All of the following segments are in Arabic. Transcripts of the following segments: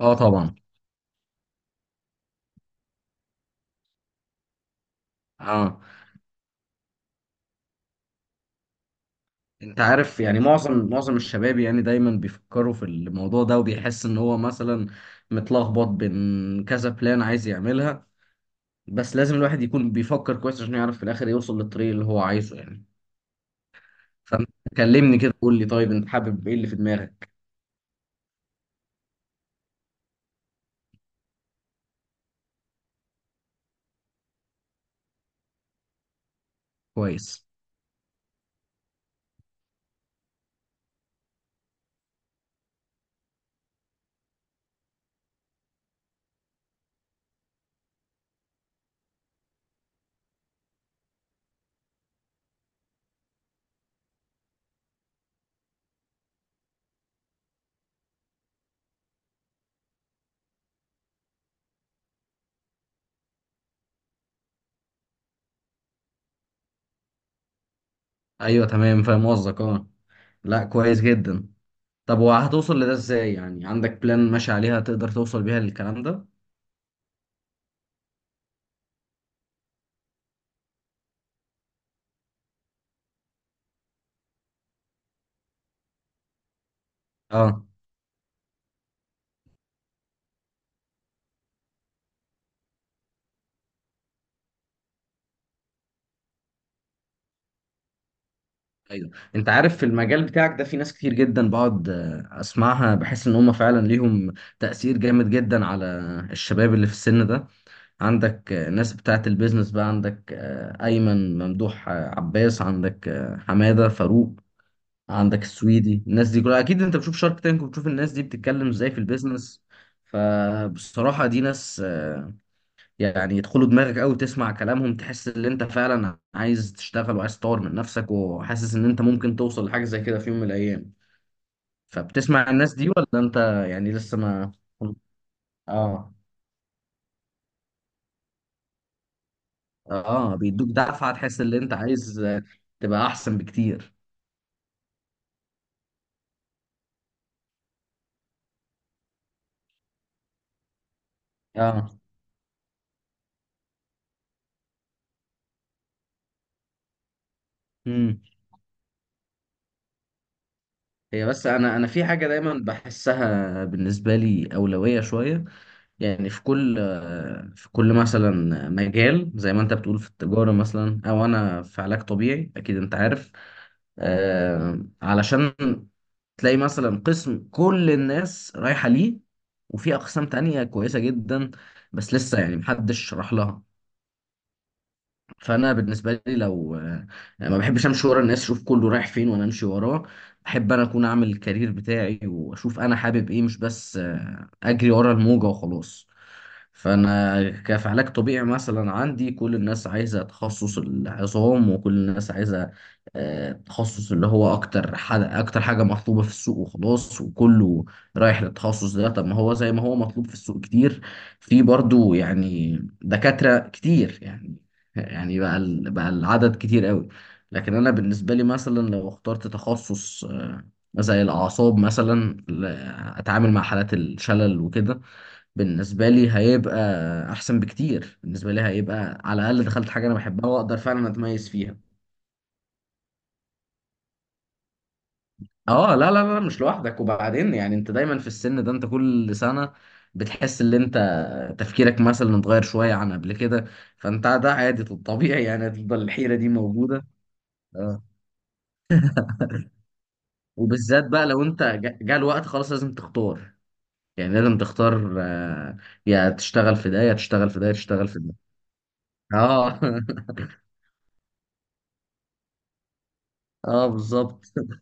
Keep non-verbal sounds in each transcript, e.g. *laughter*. اه طبعا. اه انت عارف يعني معظم الشباب يعني دايما بيفكروا في الموضوع ده وبيحس ان هو مثلا متلخبط بين كذا بلان عايز يعملها. بس لازم الواحد يكون بيفكر كويس عشان يعرف في الاخر يوصل للطريق اللي هو عايزه يعني. فانت كلمني كده، قول لي طيب، انت حابب ايه اللي في دماغك؟ كويس، ايوه تمام فاهم قصدك. اه لا، كويس جدا. طب وهتوصل لده ازاي؟ يعني عندك بلان ماشي عليها تقدر توصل بيها للكلام ده؟ اه ايوه، انت عارف في المجال بتاعك ده في ناس كتير جدا بقعد اسمعها بحس ان هم فعلا ليهم تأثير جامد جدا على الشباب اللي في السن ده. عندك ناس بتاعه البيزنس بقى، عندك ايمن ممدوح، عباس، عندك حمادة فاروق، عندك السويدي. الناس دي كلها اكيد انت بتشوف شارك تانك وبتشوف الناس دي بتتكلم ازاي في البيزنس. فبصراحة دي ناس يعني يدخلوا دماغك قوي، تسمع كلامهم تحس ان انت فعلا عايز تشتغل وعايز تطور من نفسك وحاسس ان انت ممكن توصل لحاجه زي كده في يوم من الايام. فبتسمع الناس دي ولا انت يعني لسه ما... اه اه، بيدوك دفعه تحس ان انت عايز تبقى احسن بكتير. اه امم هي بس انا في حاجه دايما بحسها بالنسبه لي اولويه شويه. يعني في كل، مثلا مجال زي ما انت بتقول في التجاره مثلا او انا في علاج طبيعي، اكيد انت عارف علشان تلاقي مثلا قسم كل الناس رايحة ليه، وفي أقسام تانية كويسة جدا بس لسه يعني محدش راح لها. فانا بالنسبه لي لو ما بحبش امشي ورا الناس، اشوف كله رايح فين وانا امشي وراه. بحب انا اكون اعمل الكارير بتاعي واشوف انا حابب ايه، مش بس اجري ورا الموجه وخلاص. فانا كف علاج طبيعي مثلا، عندي كل الناس عايزه تخصص العظام وكل الناس عايزه تخصص اللي هو اكتر حاجه مطلوبه في السوق وخلاص، وكله رايح للتخصص ده. طب ما هو زي ما هو مطلوب في السوق كتير، في برضو يعني دكاترة كتير يعني، يعني بقى بقى العدد كتير قوي. لكن انا بالنسبه لي مثلا لو اخترت تخصص زي الاعصاب مثلا، اتعامل مع حالات الشلل وكده، بالنسبه لي هيبقى احسن بكتير، بالنسبه لي هيبقى على الاقل دخلت حاجه انا بحبها واقدر فعلا اتميز فيها. اه لا لا لا، مش لوحدك. وبعدين يعني انت دايما في السن ده، انت كل سنه بتحس ان انت تفكيرك مثلا اتغير شويه عن قبل كده. فانت ده عادي طبيعي، يعني هتفضل الحيره دي موجوده. آه. وبالذات بقى لو انت جه الوقت خلاص لازم تختار. يعني لازم تختار، يا تشتغل في ده، يا تشتغل في ده، يا تشتغل في ده. اه *laughs* اه بالظبط *laughs*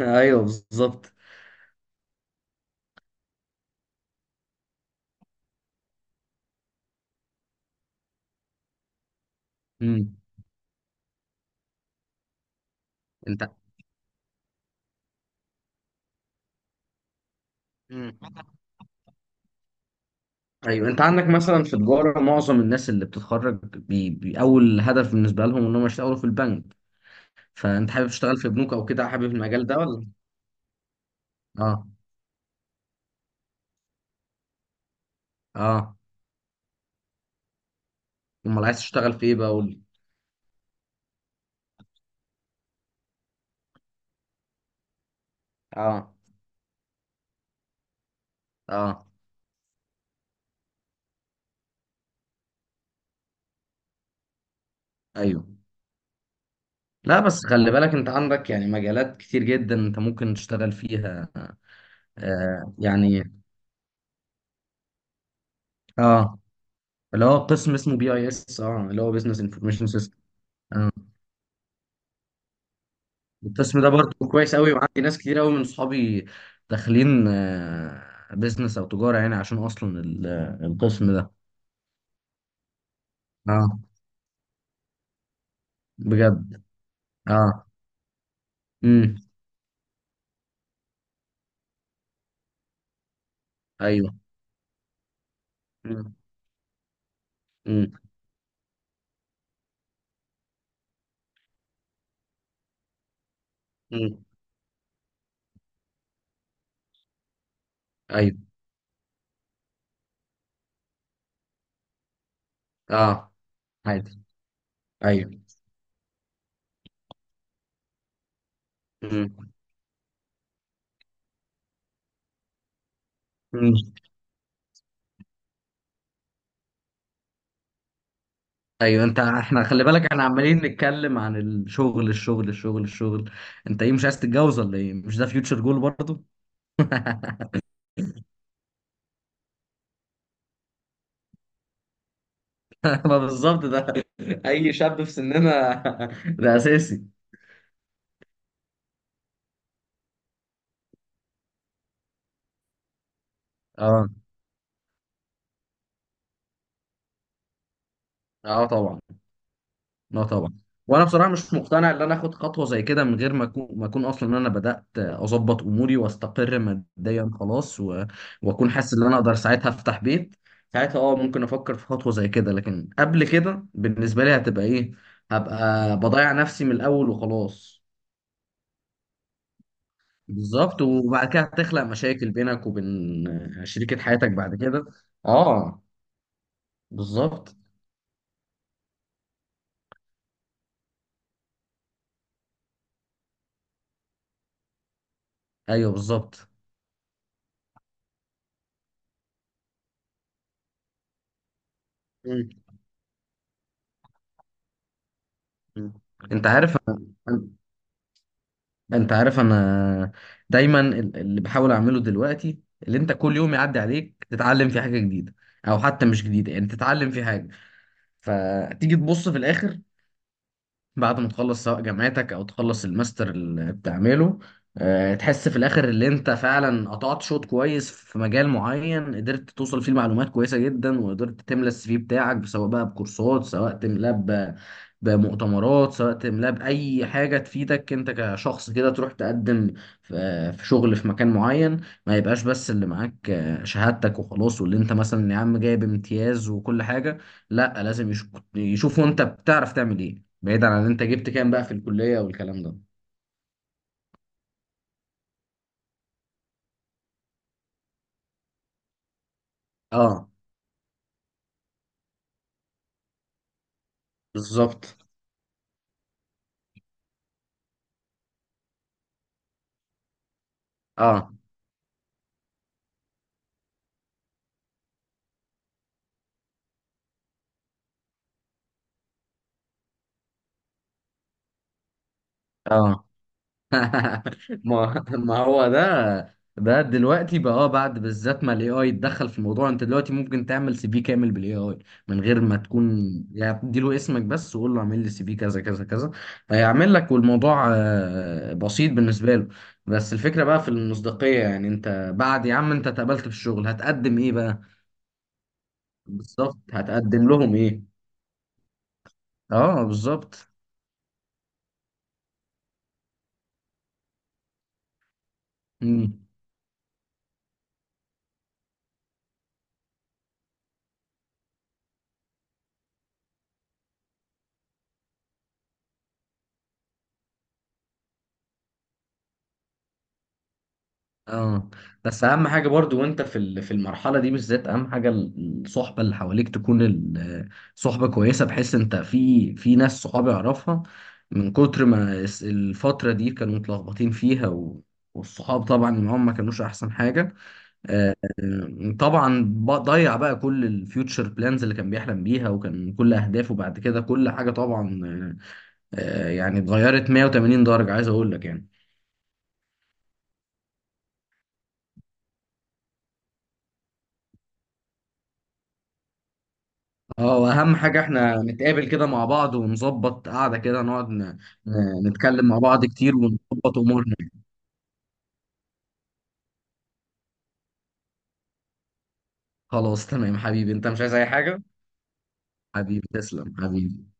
ايوه بالظبط. امم انت... مم. ايوه، انت عندك مثلا في تجاره، معظم الناس اللي بتتخرج اول هدف بالنسبه لهم انهم يشتغلوا في البنك. فانت حابب تشتغل في بنوك او كده، حابب المجال ده ولا؟ اه اه، امال عايز تشتغل في ايه بقى؟ قول لي. اه اه ايوه. لا بس خلي بالك انت عندك يعني مجالات كتير جدا انت ممكن تشتغل فيها. آه يعني، اه، اللي هو قسم اسمه بي اي اس، اه اللي هو بزنس انفورميشن سيستم. اه القسم ده برضه كويس قوي، وعندي ناس كتير قوي من صحابي داخلين آه بزنس او تجارة، يعني عشان اصلا القسم ده. اه بجد. اه. امم. ايوه. امم. امم ايوه اه عادي ايوه امم ايوه. انت... احنا خلي بالك احنا عمالين نتكلم عن الشغل الشغل الشغل الشغل. انت ايه مش عايز تتجوز ولا ايه؟ مش ده فيوتشر جول برضه؟ *laughs* ما بالظبط ده اي شاب في سننا. *laughs* ده اساسي. اه اه طبعا. لا طبعا. وانا بصراحه مش مقتنع ان انا اخد خطوه زي كده من غير ما اكون، اصلا ان انا بدات اظبط اموري واستقر ماديا خلاص و... واكون حاسس ان انا اقدر ساعتها افتح بيت. ساعتها اه ممكن افكر في خطوه زي كده، لكن قبل كده بالنسبه لي هتبقى ايه؟ هبقى بضيع نفسي من الاول وخلاص. بالظبط. وبعد كده هتخلق مشاكل بينك وبين شريكه حياتك بعد كده. اه بالظبط ايوه بالظبط. مم. انت عارف، انا دايما، اللي بحاول اعمله دلوقتي اللي انت كل يوم يعدي عليك تتعلم في حاجة جديدة، او حتى مش جديدة يعني تتعلم في حاجة. فتيجي تبص في الاخر بعد ما تخلص سواء جامعتك او تخلص الماستر اللي بتعمله، تحس في الاخر اللي انت فعلا قطعت شوط كويس في مجال معين، قدرت توصل فيه لمعلومات كويسه جدا وقدرت تملى السي في بتاعك، سواء بقى بكورسات، سواء تملاه بمؤتمرات، سواء تملاه باي حاجه تفيدك انت كشخص كده تروح تقدم في، شغل في مكان معين. ما يبقاش بس اللي معاك شهادتك وخلاص، واللي انت مثلا يا عم جايب امتياز وكل حاجه. لا لازم يشوفوا انت بتعرف تعمل ايه، بعيدا عن انت جبت كام بقى في الكلية والكلام ده. اه بالظبط. اه اه *laughs* ما هو ده، دلوقتي بقى اه بعد بالذات ما الاي اي اتدخل في الموضوع، انت دلوقتي ممكن تعمل سي في كامل بالاي اي من غير ما تكون، يعني اديله اسمك بس وقول له اعمل لي سي في كذا كذا كذا، هيعمل لك، والموضوع بسيط بالنسبة له. بس الفكرة بقى في المصداقية، يعني انت بعد يا عم انت اتقبلت في الشغل هتقدم ايه بقى؟ بالظبط، هتقدم لهم ايه؟ اه بالظبط. امم. اه بس اهم حاجه برضو وانت في في المرحله دي بالذات، اهم حاجه الصحبه اللي حواليك تكون صحبه كويسه، بحيث انت في، ناس صحابي اعرفها من كتر ما الفتره دي كانوا متلخبطين فيها و... والصحاب طبعا اللي معاهم ما كانوش احسن حاجه. طبعا ضيع بقى كل الفيوتشر بلانز اللي كان بيحلم بيها، وكان كل اهدافه بعد كده كل حاجه طبعا يعني اتغيرت 180 درجه، عايز اقول لك يعني. اه واهم حاجة احنا نتقابل كده مع بعض ونظبط قعدة كده نقعد نتكلم مع بعض كتير ونظبط امورنا. خلاص تمام حبيبي، انت مش عايز اي حاجة؟ حبيبي تسلم حبيبي.